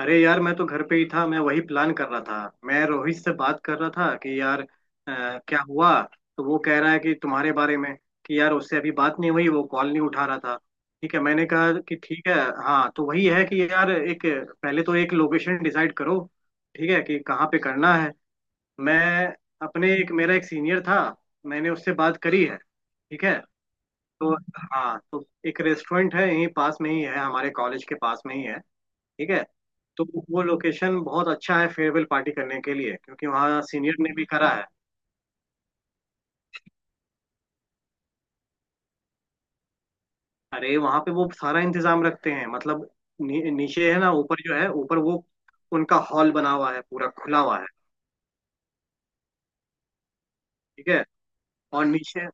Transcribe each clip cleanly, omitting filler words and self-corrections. अरे यार, मैं तो घर पे ही था। मैं वही प्लान कर रहा था। मैं रोहित से बात कर रहा था कि यार क्या हुआ। तो वो कह रहा है कि तुम्हारे बारे में कि यार उससे अभी बात नहीं हुई, वो कॉल नहीं उठा रहा था। ठीक है, मैंने कहा कि ठीक है। हाँ, तो वही है कि यार एक, पहले तो एक लोकेशन डिसाइड करो। ठीक है कि कहाँ पे करना है। मैं अपने एक, मेरा एक सीनियर था, मैंने उससे बात करी है, ठीक है। तो हाँ, तो एक रेस्टोरेंट है, यहीं पास में ही है, हमारे कॉलेज के पास में ही है, ठीक है। तो वो लोकेशन बहुत अच्छा है फेयरवेल पार्टी करने के लिए, क्योंकि वहाँ सीनियर ने भी करा है। अरे वहाँ पे वो सारा इंतजाम रखते हैं, मतलब नीचे है ना, ऊपर जो है, ऊपर वो उनका हॉल बना हुआ है, पूरा खुला हुआ है। ठीक है। और नीचे,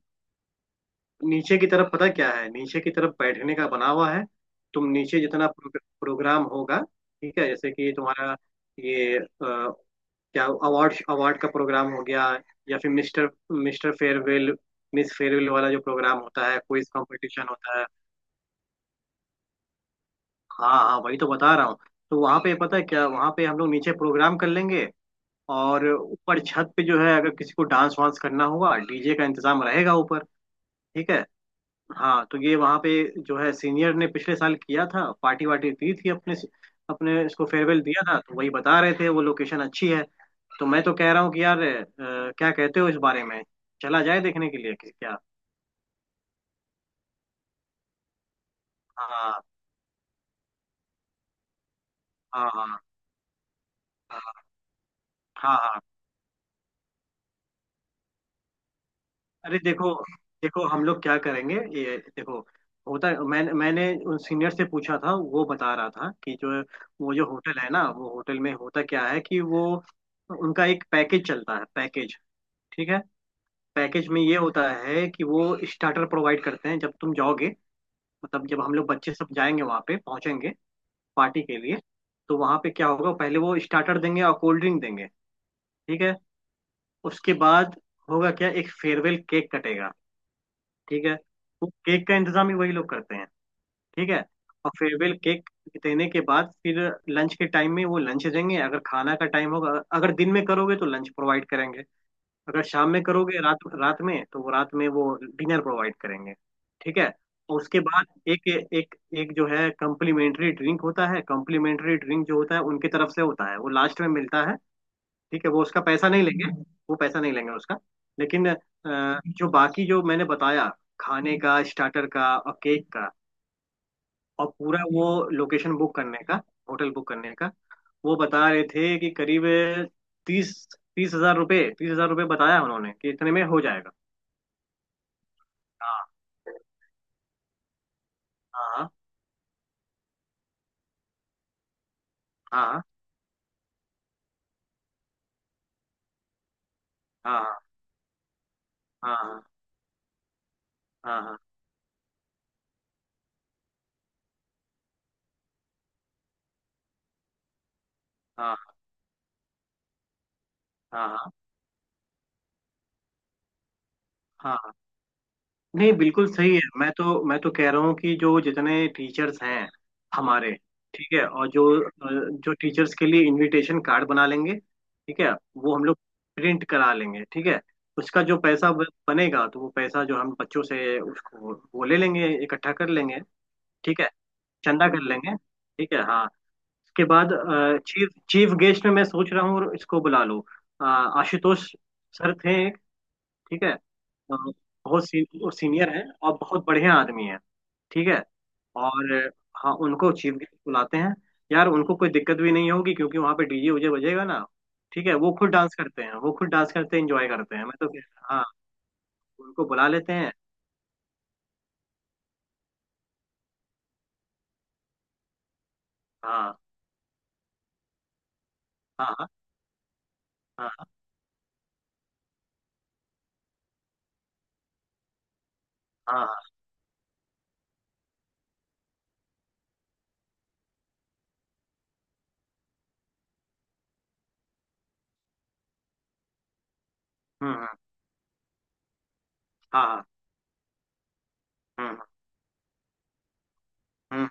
नीचे की तरफ पता क्या है, नीचे की तरफ बैठने का बना हुआ है। तुम नीचे जितना प्रोग्राम होगा, ठीक है, जैसे कि तुम्हारा ये, क्या अवार्ड अवार्ड का प्रोग्राम हो गया या फिर mister mister farewell, miss farewell वाला, जो प्रोग्राम होता है, क्विज कंपटीशन होता है। हाँ हाँ, वही तो बता रहा हूँ। तो वहाँ पे पता है क्या, वहाँ पे हम लोग नीचे प्रोग्राम कर लेंगे, और ऊपर छत पे जो है, अगर किसी को डांस वांस करना होगा, डीजे का इंतजाम रहेगा ऊपर, ठीक है। हाँ, तो ये वहाँ पे जो है सीनियर ने पिछले साल किया था, पार्टी वार्टी दी थी, अपने अपने इसको फेयरवेल दिया था, तो वही बता रहे थे, वो लोकेशन अच्छी है। तो मैं तो कह रहा हूँ कि यार क्या कहते हो इस बारे में। चला जाए देखने के लिए कि क्या। हाँ हाँ, हाँ हाँ, हाँ हाँ। अरे देखो, देखो हम लोग क्या करेंगे। ये देखो, होता, मैंने मैंने उन सीनियर से पूछा था, वो बता रहा था कि जो, वो जो होटल है ना, वो होटल में होता क्या है कि वो, उनका एक पैकेज चलता है, पैकेज, ठीक है। पैकेज में ये होता है कि वो स्टार्टर प्रोवाइड करते हैं जब तुम जाओगे, मतलब जब हम लोग बच्चे सब जाएंगे वहाँ पे पहुंचेंगे पार्टी के लिए। तो वहाँ पे क्या होगा, पहले वो स्टार्टर देंगे और कोल्ड ड्रिंक देंगे, ठीक है। उसके बाद होगा क्या, एक फेयरवेल केक कटेगा, ठीक है। वो केक का इंतजाम भी वही लोग करते हैं, ठीक है। और फेयरवेल केक देने के बाद फिर लंच के टाइम में वो लंच देंगे, अगर खाना का टाइम होगा। अगर दिन में करोगे तो लंच प्रोवाइड करेंगे, अगर शाम में करोगे, रात, रात में तो वो रात में वो डिनर प्रोवाइड करेंगे, ठीक है। और उसके बाद एक एक एक जो है कम्प्लीमेंट्री ड्रिंक होता है, कम्प्लीमेंट्री ड्रिंक जो होता है उनकी तरफ से होता है, वो लास्ट में मिलता है। ठीक है, वो उसका पैसा नहीं लेंगे। वो पैसा नहीं लेंगे उसका। लेकिन जो बाकी जो मैंने बताया, खाने का, स्टार्टर का और केक का, और पूरा वो लोकेशन बुक करने का, होटल बुक करने का, वो बता रहे थे कि करीब तीस, 30,000 रुपये, 30,000 रुपये बताया उन्होंने कि इतने में हो जाएगा। हाँ हाँ, हाँ हाँ, हाँ हाँ, हाँ हाँ हाँ। नहीं, बिल्कुल सही है। मैं तो, मैं तो कह रहा हूँ कि जो जितने टीचर्स हैं हमारे, ठीक है, और जो जो टीचर्स के लिए इनविटेशन कार्ड बना लेंगे, ठीक है, वो हम लोग प्रिंट करा लेंगे, ठीक है। उसका जो पैसा बनेगा, तो वो पैसा जो हम बच्चों से उसको वो ले लेंगे, इकट्ठा कर लेंगे, ठीक है, चंदा कर लेंगे, ठीक है हाँ। उसके बाद चीफ, चीफ गेस्ट में मैं सोच रहा हूँ, इसको बुला लो आशुतोष सर थे एक, ठीक है बहुत सीनियर हैं और बहुत बढ़िया आदमी हैं, ठीक है। और हाँ, उनको चीफ गेस्ट बुलाते हैं। यार उनको कोई दिक्कत भी नहीं होगी, क्योंकि वहां पे डीजे उजे बजेगा ना। ठीक है, वो खुद डांस करते हैं, वो खुद डांस करते हैं, इंजॉय करते हैं, मैं तो। हाँ, उनको बुला लेते हैं। हाँ हाँ, हाँ हाँ, हाँ हाँ। हम्म हम्म, हाँ हाँ। हम्म हम्म।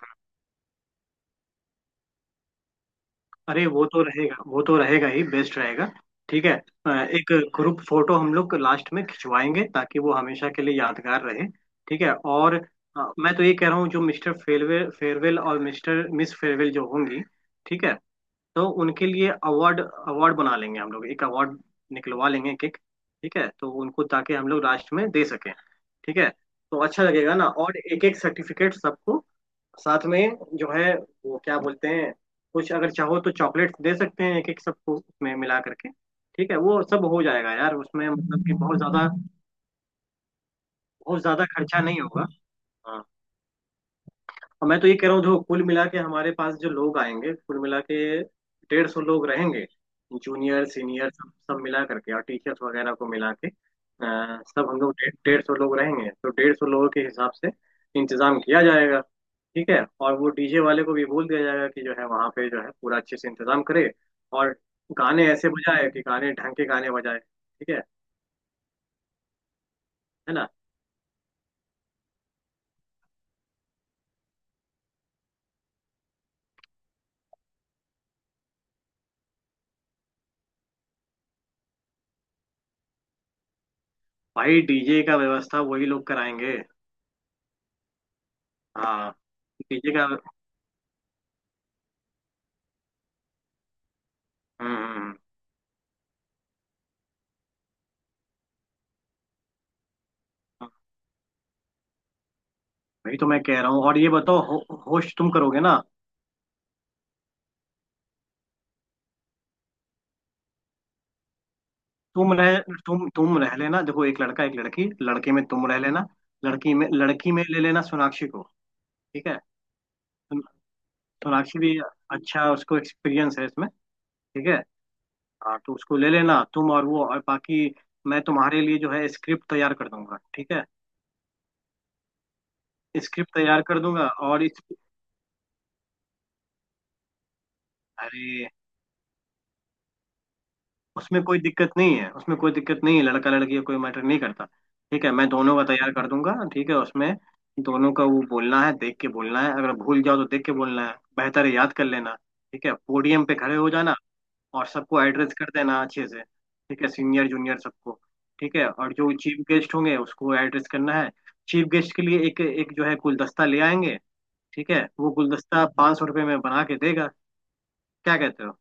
अरे, वो तो रहेगा, वो तो रहेगा ही, बेस्ट रहेगा, ठीक है। एक ग्रुप फोटो हम लोग लास्ट में खिंचवाएंगे ताकि वो हमेशा के लिए यादगार रहे, ठीक है। और मैं तो ये कह रहा हूँ, जो मिस्टर फेयरवेल फेयरवेल और मिस फेयरवेल जो होंगी, ठीक है, तो उनके लिए अवार्ड अवार्ड बना लेंगे, हम लोग एक अवार्ड निकलवा लेंगे, एक एक, ठीक है, तो उनको, ताकि हम लोग लास्ट में दे सकें, ठीक है। तो अच्छा लगेगा ना, और एक एक सर्टिफिकेट सबको साथ में, जो है, वो क्या बोलते हैं, कुछ अगर चाहो तो चॉकलेट्स दे सकते हैं एक एक सबको उसमें मिला करके, ठीक है, वो सब हो जाएगा यार, उसमें मतलब कि बहुत ज्यादा, बहुत ज्यादा खर्चा नहीं होगा। और मैं तो ये कह रहा हूँ, जो कुल मिला के हमारे पास जो लोग आएंगे, कुल मिला के 150 लोग रहेंगे। जूनियर सीनियर सब सब मिला करके और टीचर्स वगैरह को मिला के सब, हम लोग डेढ़ डेढ़ सौ लोग रहेंगे, तो 150 लोगों के हिसाब से इंतजाम किया जाएगा, ठीक है। और वो डीजे वाले को भी बोल दिया जाएगा कि जो है वहाँ पे जो है पूरा अच्छे से इंतजाम करे, और गाने ऐसे बजाए कि गाने ढंग के गाने बजाए, ठीक है ना। भाई डीजे का व्यवस्था वही लोग कराएंगे। हाँ, डीजे का। हम्म हम्म, हम्म। वही तो मैं कह रहा हूँ, और ये बताओ होस्ट तुम करोगे ना। तुम रह, तुम रह लेना, देखो, एक लड़का एक लड़की, लड़के में तुम रह लेना, लड़की में, लड़की में ले लेना सोनाक्षी को, ठीक है। सो- सोनाक्षी भी, अच्छा, उसको एक्सपीरियंस है इसमें, ठीक है। हाँ, तो उसको ले लेना तुम, और वो, और बाकी मैं तुम्हारे लिए जो है स्क्रिप्ट तैयार कर दूंगा, ठीक है, स्क्रिप्ट तैयार कर दूंगा और इस, अरे, उसमें कोई दिक्कत नहीं है, उसमें कोई दिक्कत नहीं है, लड़का लड़की का कोई मैटर नहीं करता, ठीक है। मैं दोनों का तैयार कर दूंगा, ठीक है, उसमें दोनों का वो बोलना है, देख के बोलना है, अगर भूल जाओ तो देख के बोलना है, बेहतर है याद कर लेना, ठीक है। पोडियम पे खड़े हो जाना और सबको एड्रेस कर देना अच्छे से, ठीक है, सीनियर जूनियर सबको, ठीक है। और जो चीफ गेस्ट होंगे उसको एड्रेस करना है। चीफ गेस्ट के लिए एक एक जो है गुलदस्ता ले आएंगे, ठीक है, वो गुलदस्ता 500 रुपये में बना के देगा, क्या कहते हो।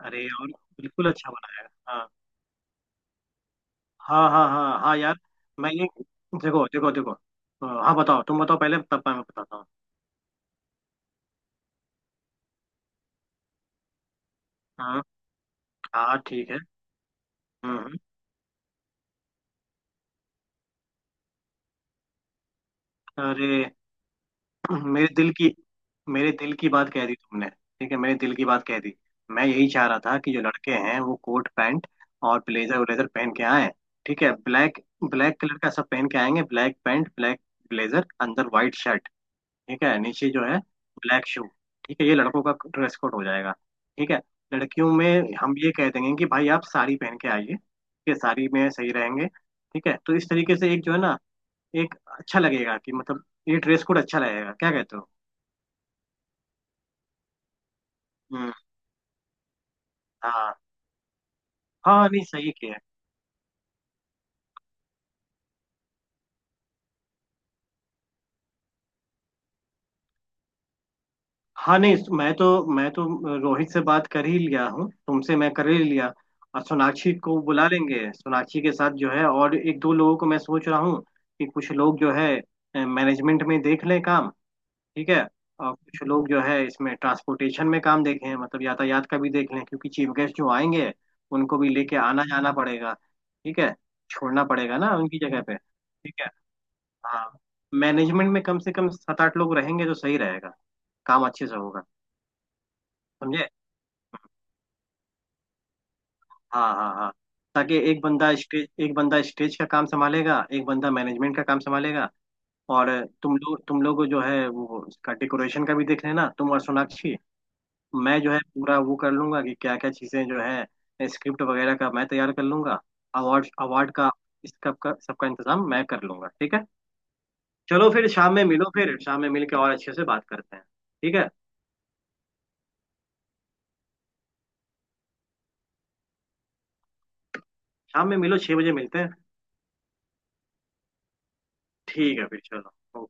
अरे और, बिल्कुल अच्छा बनाएगा। हाँ हाँ, हाँ हाँ यार। मैंने, देखो देखो देखो हाँ, बताओ, तुम बताओ पहले, तब मैं बताता हूँ। हाँ हाँ, ठीक है, हम्म। अरे मेरे दिल की, मेरे दिल की बात कह दी तुमने, ठीक है, मेरे दिल की बात कह दी। मैं यही चाह रहा था कि जो लड़के हैं वो कोट पैंट और ब्लेजर व्लेजर पहन के आए, ठीक है, ब्लैक, ब्लैक कलर का सब पहन के आएंगे, ब्लैक पैंट, ब्लैक ब्लेजर, अंदर व्हाइट शर्ट, ठीक है, नीचे जो है ब्लैक शू, ठीक है। ये लड़कों का ड्रेस कोड हो जाएगा, ठीक है। लड़कियों में हम ये कह देंगे कि भाई आप साड़ी पहन के आइए, ठीक है, साड़ी में सही रहेंगे, ठीक है। तो इस तरीके से एक जो है ना, एक, अच्छा लगेगा कि मतलब, ये ड्रेस कोड अच्छा लगेगा, क्या कहते हो। हम्म, हाँ हाँ, नहीं सही किया। हाँ, नहीं, मैं तो, मैं तो रोहित से बात कर ही लिया हूँ, तुमसे मैं कर ही लिया। और सोनाक्षी को बुला लेंगे, सोनाक्षी के साथ जो है, और एक दो लोगों को मैं सोच रहा हूँ कि कुछ लोग जो है मैनेजमेंट में देख लें काम, ठीक है, और कुछ लोग जो है इसमें ट्रांसपोर्टेशन में काम देखें, मतलब यातायात का भी देख लें, क्योंकि चीफ गेस्ट जो आएंगे, उनको भी लेके आना जाना पड़ेगा, ठीक है, छोड़ना पड़ेगा ना उनकी जगह पे, ठीक है। हाँ, मैनेजमेंट में कम से कम सात आठ लोग रहेंगे तो सही रहेगा, काम अच्छे से होगा, समझे। हाँ हाँ हाँ, ताकि एक बंदा स्टेज, एक बंदा स्टेज का काम संभालेगा, एक बंदा मैनेजमेंट का काम संभालेगा। और तुम लोग, तुम लोग जो है वो इसका डेकोरेशन का भी देख लेना, तुम और सोनाक्षी। मैं जो है पूरा वो कर लूंगा कि क्या क्या चीजें जो है स्क्रिप्ट वगैरह का मैं तैयार कर लूंगा, अवार्ड अवार्ड का, इसका सबका इंतजाम मैं कर लूंगा, ठीक है। चलो फिर शाम में मिलो, फिर शाम में मिल के और अच्छे से बात करते हैं, ठीक है। शाम में मिलो, 6 बजे मिलते हैं। ठीक है, फिर चलो।